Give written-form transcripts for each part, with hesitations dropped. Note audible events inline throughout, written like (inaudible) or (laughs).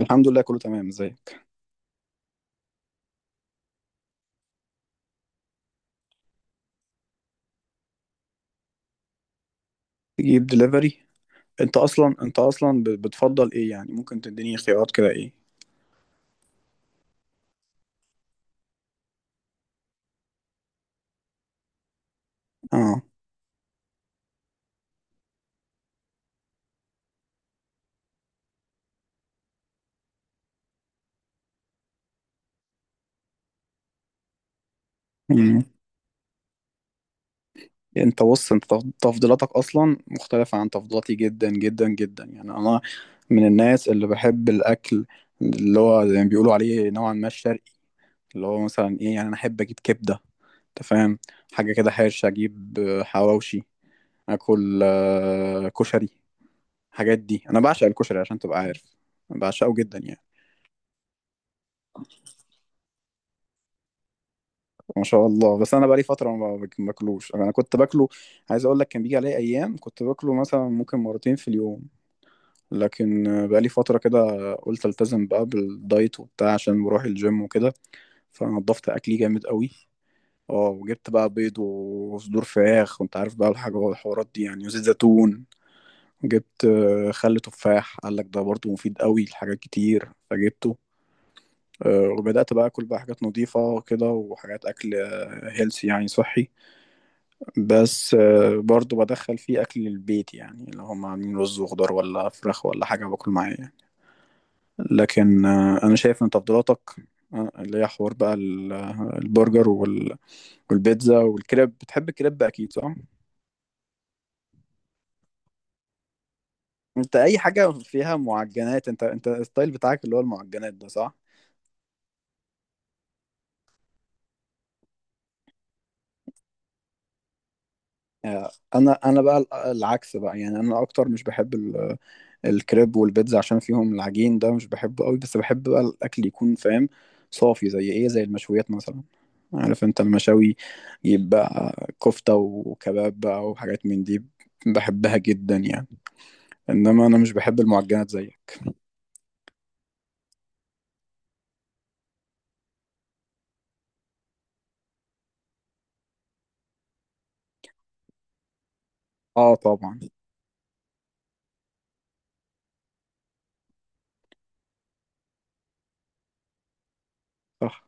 الحمد لله، كله تمام. ازيك؟ تجيب دليفري؟ انت اصلا بتفضل ايه؟ يعني ممكن تديني خيارات كده، ايه؟ اه. مم. انت بص، انت تفضيلاتك اصلا مختلفة عن تفضيلاتي جدا جدا جدا. يعني انا من الناس اللي بحب الاكل اللي هو زي ما بيقولوا عليه نوعا ما الشرقي. اللي هو مثلا ايه، يعني انا احب اجيب كبدة. انت فاهم؟ حاجة كده حرشة، اجيب حواوشي. اكل كشري. الحاجات دي انا بعشق الكشري عشان تبقى عارف. بعشقه جدا يعني. ما شاء الله. بس انا بقالي فتره ما باكلوش، انا كنت باكله. عايز اقول لك، كان بيجي عليا ايام كنت باكله مثلا ممكن مرتين في اليوم. لكن بقالي فتره كده. قلت التزم بقى بالدايت وبتاع، عشان بروح الجيم وكده. فنضفت اكلي جامد قوي. اه، وجبت بقى بيض وصدور فراخ، وانت عارف بقى الحاجه والحوارات دي يعني، وزيت زيتون. جبت خل تفاح، قال لك ده برضه مفيد قوي لحاجات كتير، فجبته. وبدأت بقى أكل بقى حاجات نظيفة كده وحاجات أكل هيلثي، يعني صحي. بس برضو بدخل فيه أكل البيت، يعني لو هم عاملين رز وخضار ولا فراخ ولا حاجة باكل معايا يعني. لكن أنا شايف إن تفضيلاتك، اللي هي حوار بقى البرجر والبيتزا والكريب. بتحب الكريب أكيد صح؟ أنت أي حاجة فيها معجنات، أنت الستايل بتاعك اللي هو المعجنات ده صح؟ أنا بقى العكس بقى، يعني أنا أكتر مش بحب الكريب والبيتزا عشان فيهم العجين ده مش بحبه قوي. بس بحب بقى الاكل يكون فاهم، صافي، زي ايه، زي المشويات مثلا. عارف انت المشاوي، يبقى كفتة وكباب بقى وحاجات من دي، بحبها جدا يعني. انما انا مش بحب المعجنات زيك. اه طبعا. صح،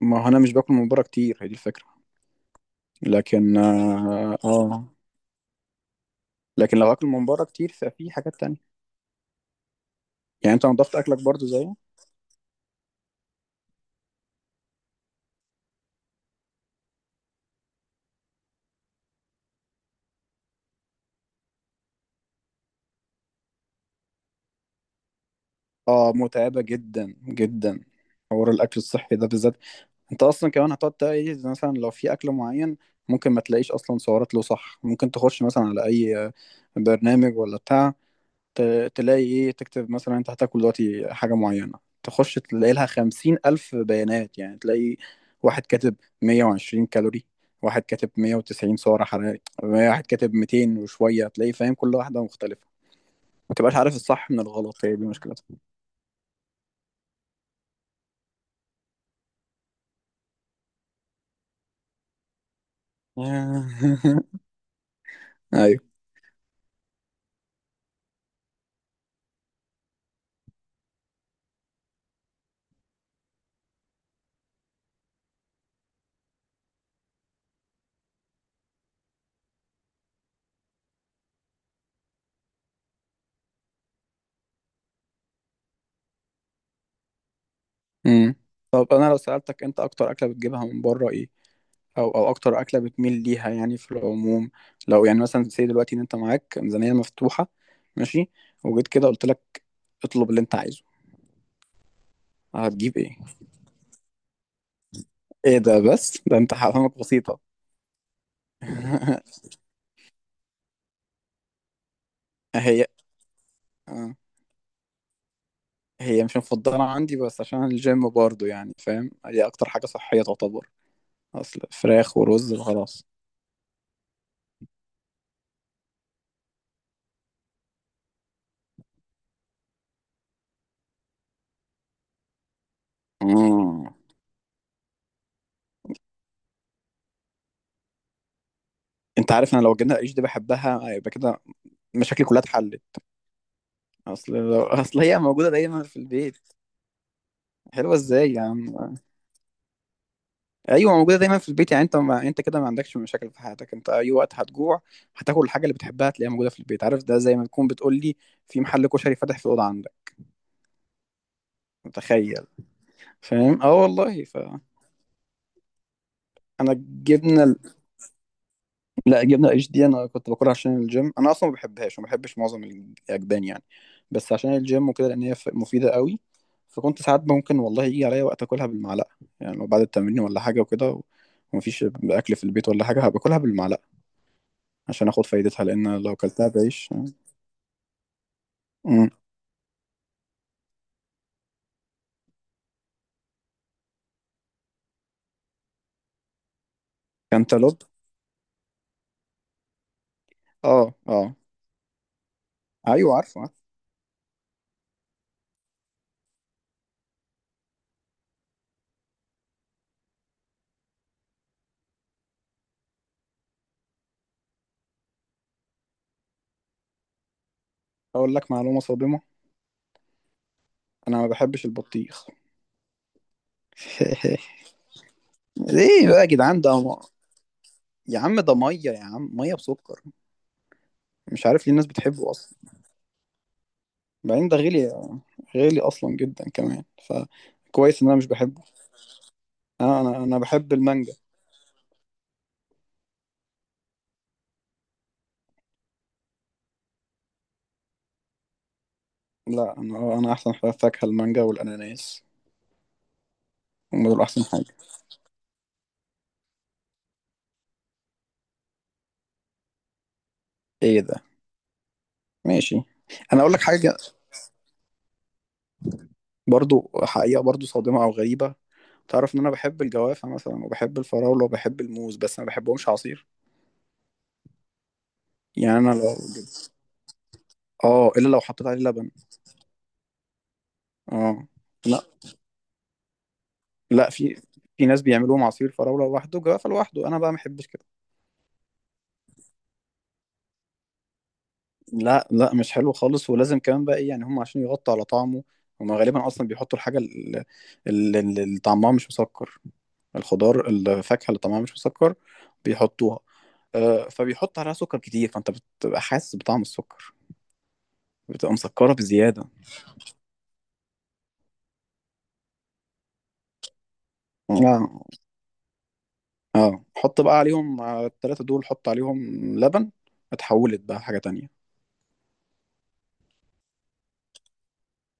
ما هو انا مش باكل من بره كتير، هي دي الفكرة. لكن اه آه. لكن لو اكل من بره كتير، ففي حاجات تانية. يعني انت نضفت اكلك برضو زيه؟ اه، متعبة جدا جدا، حوار الاكل الصحي ده بالذات. انت اصلا كمان هتقعد تلاقي مثلا لو في اكل معين، ممكن ما تلاقيش اصلا سعرات له، صح؟ ممكن تخش مثلا على اي برنامج ولا بتاع، تلاقي ايه، تكتب مثلا انت هتاكل دلوقتي حاجة معينة، تخش تلاقي لها 50,000 بيانات يعني. تلاقي واحد كاتب 120 كالوري، واحد كاتب 190 سعر حراري، واحد كاتب 200 وشوية، تلاقي فاهم كل واحدة مختلفة. ما تبقاش عارف الصح من الغلط، هي دي مشكلتها. (laughs) ايوه. امم. طب انا لو سألتك، انت اكتر اكلة بتجيبها من بره ايه؟ او اكتر اكله بتميل ليها يعني في العموم، لو يعني مثلا سي دلوقتي ان انت معاك ميزانيه مفتوحه، ماشي، وجيت كده قلت لك اطلب اللي انت عايزه، هتجيب ايه؟ ايه ده! بس ده انت حرامك بسيطه. (laughs) هي آه. هي مش مفضله عندي، بس عشان الجيم برضه يعني فاهم، هي اكتر حاجه صحيه تعتبر. اصل فراخ ورز وخلاص. مم. انت عارف، انا لو جبنا العيش دي بحبها يبقى كده، مشاكلي كلها اتحلت. اصل هي موجوده دايما في البيت. حلوه ازاي يا عم؟ ايوه، موجوده دايما في البيت. يعني انت، ما انت كده ما عندكش مشاكل في حياتك، انت اي وقت هتجوع هتاكل الحاجه اللي بتحبها، هتلاقيها موجوده في البيت. عارف ده زي ما تكون بتقول لي في محل كشري فاتح في الاوضه عندك. متخيل؟ فاهم. اه والله. انا الجبنه لا، الجبنه اتش دي انا كنت باكلها عشان الجيم، انا اصلا ما بحبهاش وما بحبش معظم الاجبان يعني. بس عشان الجيم وكده، لان هي مفيده قوي. فكنت ساعات ممكن والله يجي عليا وقت اكلها بالمعلقه. يعني لو بعد التمرين ولا حاجه وكده، ومفيش اكل في البيت ولا حاجه، هباكلها بالمعلقه عشان اخد فايدتها، لان لو كلتها بعيش. امم كانتالوب. اه، اه، ايوه، عارفه، عارفه. اقول لك معلومه صادمه. انا ما بحبش البطيخ. (laughs) ليه بقى يا جدعان ده يا عم ده ميه، يا عم، ميه بسكر. مش عارف ليه الناس بتحبه اصلا. بعدين ده غالي، غالي اصلا جدا كمان. فكويس ان انا مش بحبه. أنا بحب المانجا. لا، انا احسن فاكهه المانجا والاناناس، هم دول احسن حاجه. ايه ده؟ ماشي. انا اقول لك حاجه، برضو حقيقه، برضو صادمه او غريبه. تعرف ان انا بحب الجوافه مثلا، وبحب الفراوله، وبحب الموز، بس ما بحبهمش عصير. يعني انا لو، اه، الا لو حطيت عليه لبن. اه. لا، لا، في ناس بيعملوهم عصير فراوله لوحده، جوافه لوحده، انا بقى ما بحبش كده. لا، لا، مش حلو خالص. ولازم كمان بقى ايه يعني، هم عشان يغطوا على طعمه، هم غالبا اصلا بيحطوا الحاجه اللي، اللي طعمها مش مسكر، الخضار، الفاكهه اللي طعمها مش مسكر، بيحطوها. فبيحط عليها سكر كتير، فانت بتبقى حاسس بطعم السكر، بتبقى مسكره بزياده. لا. اه، حط بقى عليهم، على التلاتة دول حط عليهم لبن، اتحولت بقى حاجة تانية.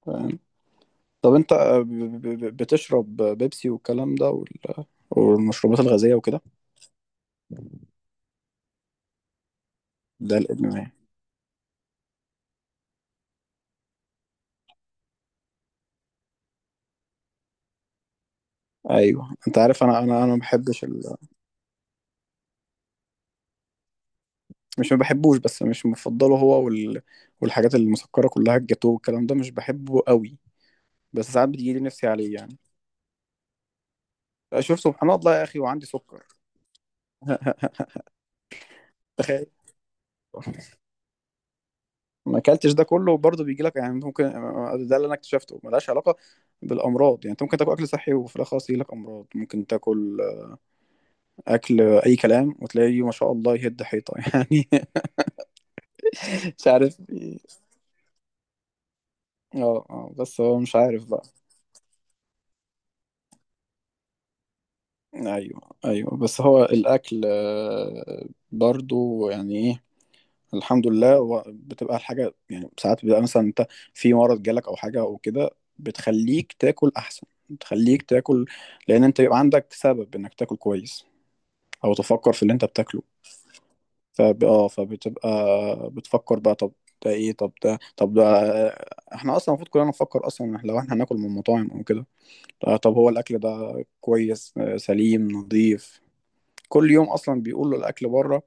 فاهم؟ طب انت، بتشرب بيبسي والكلام ده والمشروبات الغازية وكده؟ ده الادمان يعني. ايوه، انت عارف انا ما بحبش مش ما بحبوش، بس مش مفضله هو والحاجات المسكرة كلها، الجاتو والكلام ده مش بحبه قوي. بس ساعات بتجيلي نفسي عليه يعني. شوف سبحان الله يا اخي، وعندي سكر. (laughs) تخيل. ما اكلتش ده كله برضه بيجي لك يعني، ممكن. ده اللي انا اكتشفته، ملهاش علاقه بالامراض. يعني انت ممكن تاكل اكل صحي وفي الاخر خلاص يجي لك امراض، ممكن تاكل اكل اي كلام وتلاقيه ما شاء الله يهد حيطه (laughs) يعني. مش عارف إيه. اه، اه، بس هو مش عارف بقى. ايوه، ايوه، بس هو الاكل برضه يعني ايه، الحمد لله، هو بتبقى الحاجة، يعني ساعات بيبقى مثلا انت في مرض جالك او حاجة او كده، بتخليك تاكل احسن، بتخليك تاكل، لان انت بيبقى عندك سبب انك تاكل كويس، او تفكر في اللي انت بتاكله. فب... اه فبتبقى بتفكر بقى. طب ده ايه؟ طب ده، احنا اصلا المفروض كلنا نفكر اصلا لو احنا هناكل من مطاعم او كده، طب هو الاكل ده كويس، سليم، نظيف؟ كل يوم اصلا بيقولوا الاكل بره،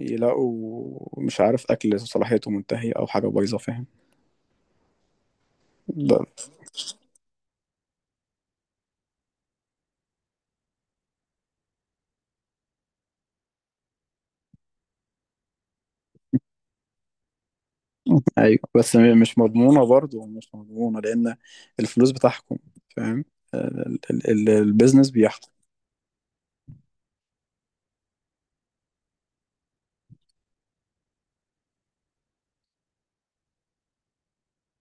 يلاقوا مش عارف اكل صلاحيته منتهيه او حاجه بايظه، فاهم؟ ده، ايوه، بس مش مضمونه، برضه مش مضمونه، لان الفلوس بتحكم. فاهم؟ البيزنس بيحكم.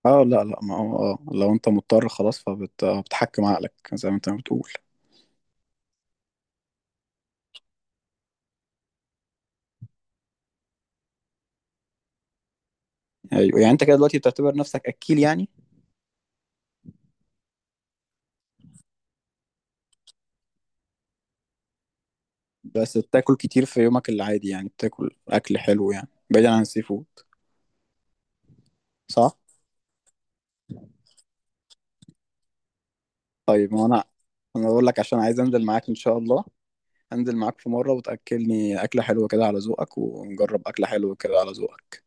اه، لا، لا، ما هو لو انت مضطر خلاص، فبتحكم عقلك زي ما انت بتقول. ايوه، يعني انت كده دلوقتي بتعتبر نفسك اكيل يعني؟ بس بتاكل كتير في يومك العادي، يعني بتاكل اكل حلو، يعني بعيدا عن السي فود. صح. طيب ما انا، انا بقول لك عشان عايز انزل معاك ان شاء الله. انزل معاك في مرة وتأكلني أكلة حلوة كده على ذوقك، ونجرب أكلة حلوة كده على ذوقك.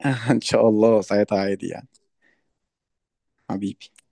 (laughs) ان شاء الله، ساعتها عادي يعني. حبيبي.